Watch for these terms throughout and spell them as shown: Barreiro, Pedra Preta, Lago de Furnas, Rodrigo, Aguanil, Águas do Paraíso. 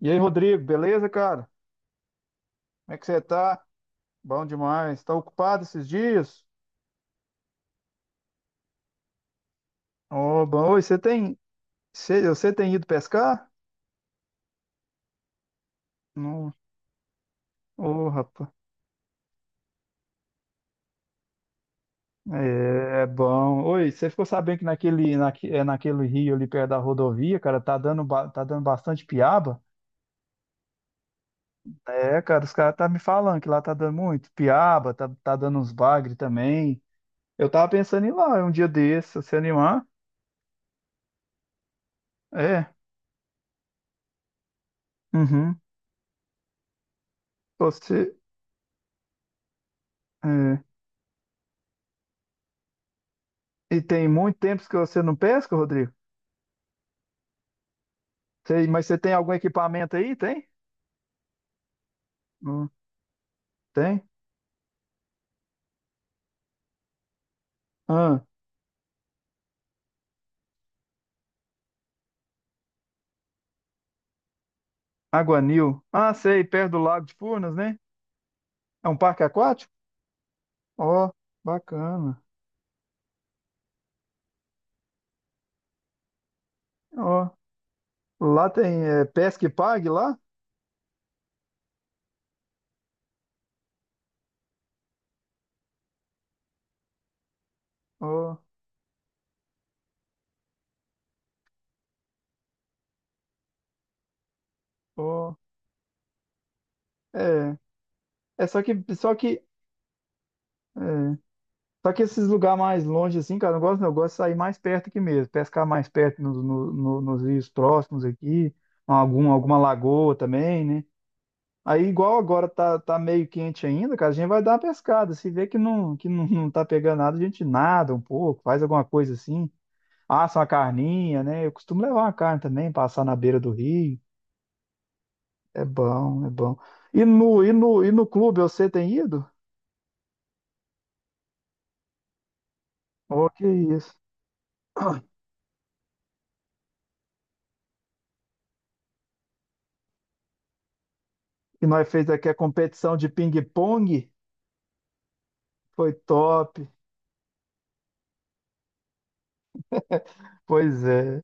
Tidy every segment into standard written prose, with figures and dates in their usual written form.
E aí, Rodrigo, beleza, cara? Como é que você tá? Bom demais. Tá ocupado esses dias? Ô, bom, oi, você tem ido pescar? Não. Ô, rapaz. É bom. Oi, você ficou sabendo que naquele, naque, é naquele rio ali perto da rodovia, cara, tá dando bastante piaba? É, cara, os caras tá me falando que lá tá dando muito piaba, tá dando uns bagre também. Eu tava pensando em ir lá um dia desse, se você animar. É. Uhum. Você. É. E tem muito tempo que você não pesca, Rodrigo? Sei, mas você tem algum equipamento aí? Tem? Não tem? Ah, Aguanil. Ah, sei, perto do Lago de Furnas, né? É um parque aquático? Ó, bacana. Ó, lá tem é, pesca e pague lá? Ó, ó. É, é só que, é, só que esses lugares mais longe assim, cara, eu não gosto, não. Eu gosto de sair mais perto aqui mesmo, pescar mais perto nos no- no- nos rios próximos aqui, alguma lagoa também, né? Aí, igual agora tá meio quente ainda, cara, a gente vai dar uma pescada. Se vê que não, não tá pegando nada, a gente nada um pouco, faz alguma coisa assim, assa uma carninha, né? Eu costumo levar uma carne também, passar na beira do rio. É bom, é bom. E no clube, você tem ido? Oh, que isso. E nós fez aqui a competição de ping-pong, foi top. Pois é,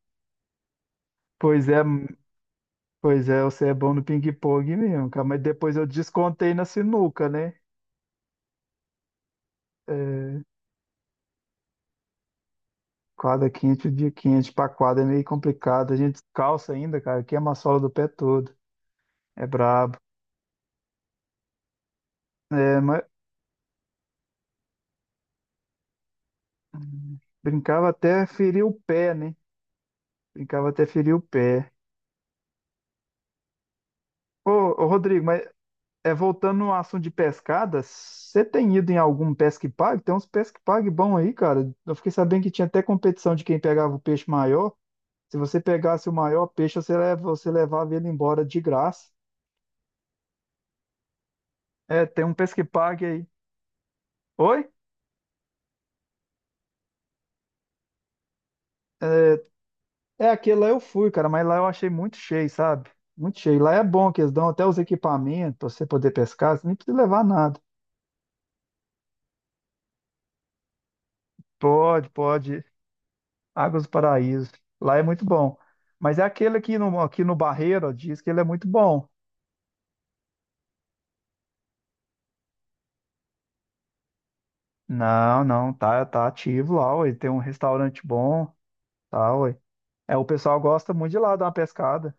pois é, pois é, você é bom no ping-pong mesmo, cara, mas depois eu descontei na sinuca, né? É. Quadra quente, o dia quente. Pra quadra é meio complicado. A gente calça ainda, cara. Queima a sola do pé todo. É brabo. É, mas brincava até ferir o pé, né? Brincava até ferir o pé. Ô, ô Rodrigo, mas é, voltando no assunto de pescada, você tem ido em algum pesque pague? Tem uns pesque pague bom aí, cara. Eu fiquei sabendo que tinha até competição de quem pegava o peixe maior. Se você pegasse o maior peixe, você levava ele embora de graça. É, tem um pesque pague aí. Oi? É, É, aquele lá eu fui, cara, mas lá eu achei muito cheio, sabe? Muito cheio. Lá é bom que eles dão até os equipamentos pra você poder pescar, você nem precisa levar nada. Pode, pode. Águas do Paraíso. Lá é muito bom. Mas é aquele aqui no Barreiro, ó, diz que ele é muito bom. Não, não, tá ativo lá, ué. Tem um restaurante bom, tá, ué. É, o pessoal gosta muito de lá dar uma pescada.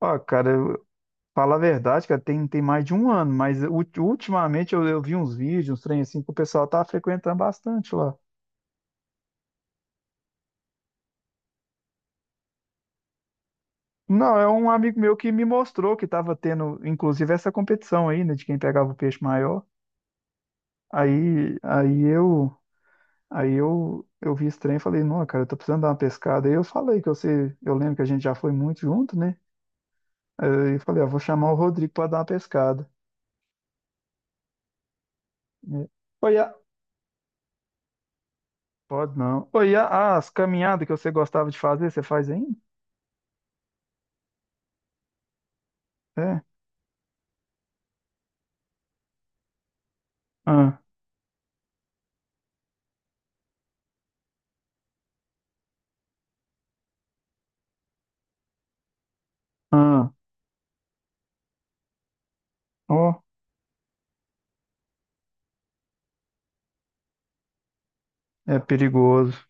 Ó, cara, fala a verdade, cara, tem mais de um ano, mas ultimamente eu vi uns vídeos, uns trem assim, que o pessoal tá frequentando bastante lá. Não, é um amigo meu que me mostrou que estava tendo, inclusive, essa competição aí, né, de quem pegava o peixe maior. Aí, aí eu, aí eu vi esse trem e falei, não, cara, eu tô precisando dar uma pescada. Aí eu falei que eu sei, eu lembro que a gente já foi muito junto, né? Aí eu falei, ah, vou chamar o Rodrigo para dar uma pescada. Né? Oi, pode não. Oi, as caminhadas que você gostava de fazer, você faz ainda? É. Ah, ah, ó, é perigoso.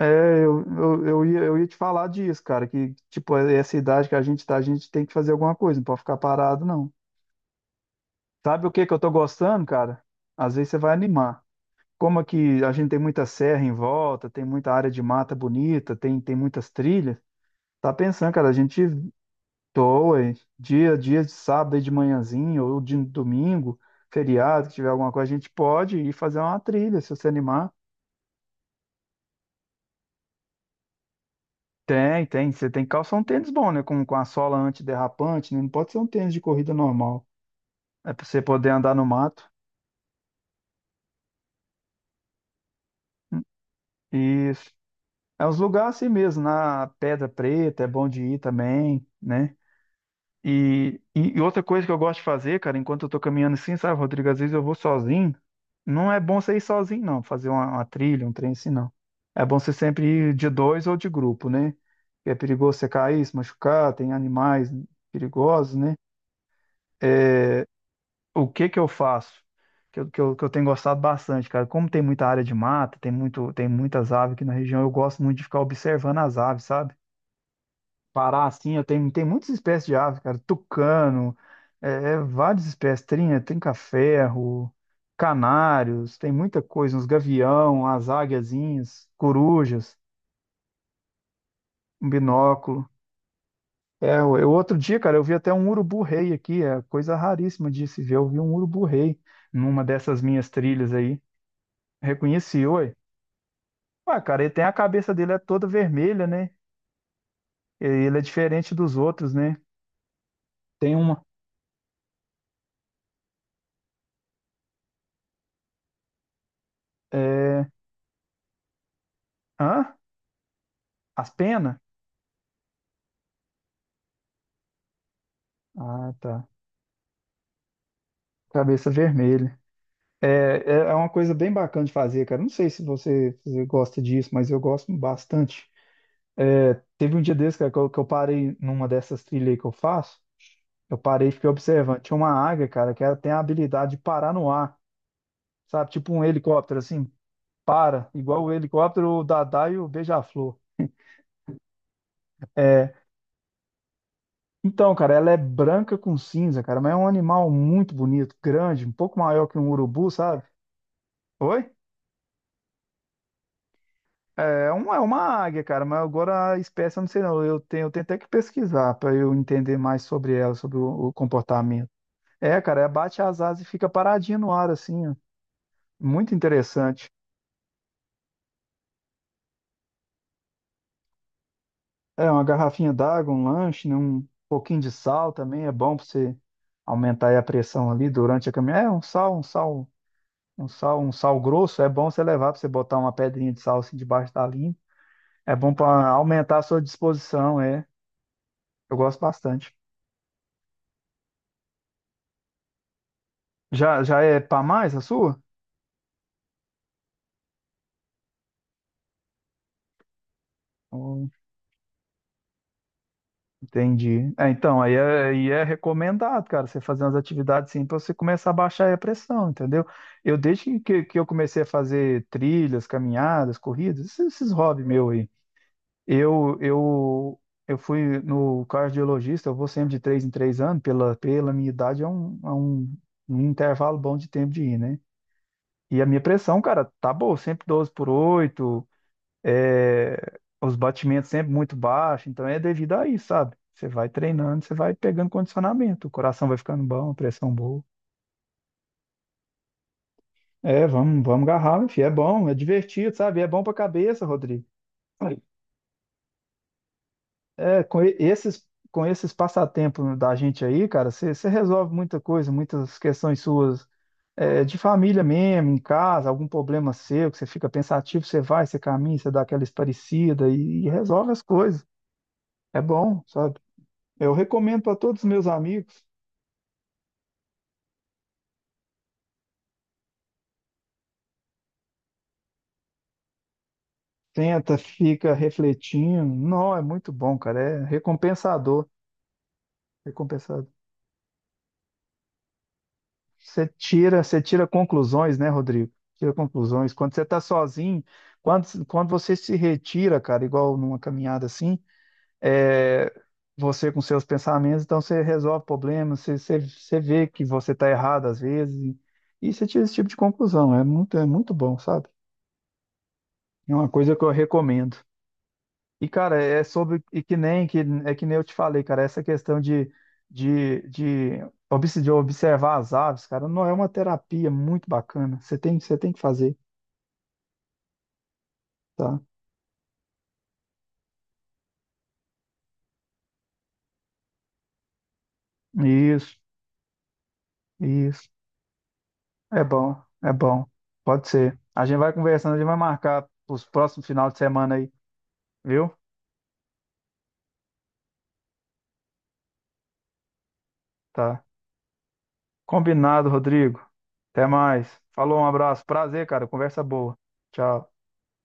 É, eu ia te falar disso, cara, que, tipo, é essa idade que a gente tá, a gente tem que fazer alguma coisa, não pode ficar parado, não. Sabe o que que eu tô gostando, cara? Às vezes você vai animar. Como aqui a gente tem muita serra em volta, tem muita área de mata bonita, tem muitas trilhas, tá pensando, cara, a gente doa hein? Dia de sábado aí de manhãzinho, ou de domingo, feriado, que tiver alguma coisa, a gente pode ir fazer uma trilha, se você animar. Tem, tem. Você tem que calçar um tênis bom, né? Com a sola antiderrapante, né? Não pode ser um tênis de corrida normal. É pra você poder andar no mato. Isso. É uns lugares assim mesmo, na Pedra Preta, é bom de ir também, né? E outra coisa que eu gosto de fazer, cara, enquanto eu tô caminhando assim, sabe, Rodrigo, às vezes eu vou sozinho. Não é bom você ir sozinho, não, fazer uma trilha, um trem assim, não. É bom você sempre ir de dois ou de grupo, né? É perigoso você cair, se machucar, tem animais perigosos, né? O que que eu faço? Que eu tenho gostado bastante, cara. Como tem muita área de mata, tem muitas aves aqui na região, eu gosto muito de ficar observando as aves, sabe? Pará assim, tem muitas espécies de aves, cara. Tucano, várias espécies. Trinca-ferro, canários, tem muita coisa. Uns gavião, as águiazinhas, corujas, um binóculo. É, outro dia, cara, eu vi até um urubu-rei aqui, é coisa raríssima de se ver. Eu vi um urubu-rei numa dessas minhas trilhas aí. Reconheci, oi. Ah, cara, ele tem a cabeça dele é toda vermelha, né? Ele é diferente dos outros, né? Tem uma. É... Hã? As penas? Ah, tá. Cabeça vermelha. É, é uma coisa bem bacana de fazer, cara. Não sei se você gosta disso, mas eu gosto bastante. É, teve um dia desse, cara, que eu parei numa dessas trilhas aí que eu faço. Eu parei e fiquei observando. Tinha uma águia, cara, que ela tem a habilidade de parar no ar, sabe? Tipo um helicóptero, assim. Para, igual o helicóptero, o Dadá e o Beija-Flor. É, então, cara, ela é branca com cinza, cara, mas é um animal muito bonito, grande, um pouco maior que um urubu, sabe? Oi? É uma águia, cara, mas agora a espécie eu não sei não. Eu tenho até que pesquisar para eu entender mais sobre ela, sobre o comportamento. É, cara, ela bate as asas e fica paradinha no ar, assim, ó. Muito interessante. É, uma garrafinha d'água, um lanche, né, um pouquinho de sal também é bom para você aumentar aí a pressão ali durante a caminhada. Um sal, grosso é bom você levar para você botar uma pedrinha de sal assim debaixo da língua. É bom para aumentar a sua disposição, é. Eu gosto bastante. Já é para mais a sua? Hum, Entendi. É, então, aí é recomendado, cara, você fazer umas atividades assim para você começar a baixar aí a pressão, entendeu? Eu desde que eu comecei a fazer trilhas, caminhadas, corridas, esses hobbies meus aí. Eu, eu, eu fui no cardiologista, eu vou sempre de 3 em 3 anos, pela minha idade é um, um intervalo bom de tempo de ir, né? E a minha pressão, cara, tá boa, sempre 12 por 8. É, os batimentos sempre muito baixos, então é devido a isso, sabe? Você vai treinando, você vai pegando condicionamento, o coração vai ficando bom, a pressão boa. É, vamos agarrar, enfim, é bom, é divertido, sabe? É bom pra cabeça, Rodrigo. É, com esses passatempos da gente aí, cara, você resolve muita coisa, muitas questões suas, é, de família mesmo, em casa, algum problema seu, que você fica pensativo, você vai, você caminha, você dá aquela esparecida e resolve as coisas. É bom, sabe? Eu recomendo para todos os meus amigos. Tenta, fica refletindo. Não, é muito bom, cara. É recompensador. Recompensador. Você tira conclusões, né, Rodrigo? Tira conclusões. Quando você está sozinho, quando você se retira, cara, igual numa caminhada assim, é, você com seus pensamentos, então você resolve problemas, você vê que você está errado às vezes, e você tira esse tipo de conclusão. É muito bom, sabe? É uma coisa que eu recomendo. E, cara, é sobre. E que nem, que, é que nem eu te falei, cara, essa questão de, de, de observar as aves, cara, não é uma terapia muito bacana. Você tem que fazer, tá? Isso, isso. É bom, é bom. Pode ser. A gente vai conversando, a gente vai marcar os próximos final de semana aí, viu? Tá. Combinado, Rodrigo. Até mais. Falou, um abraço. Prazer, cara. Conversa boa. Tchau.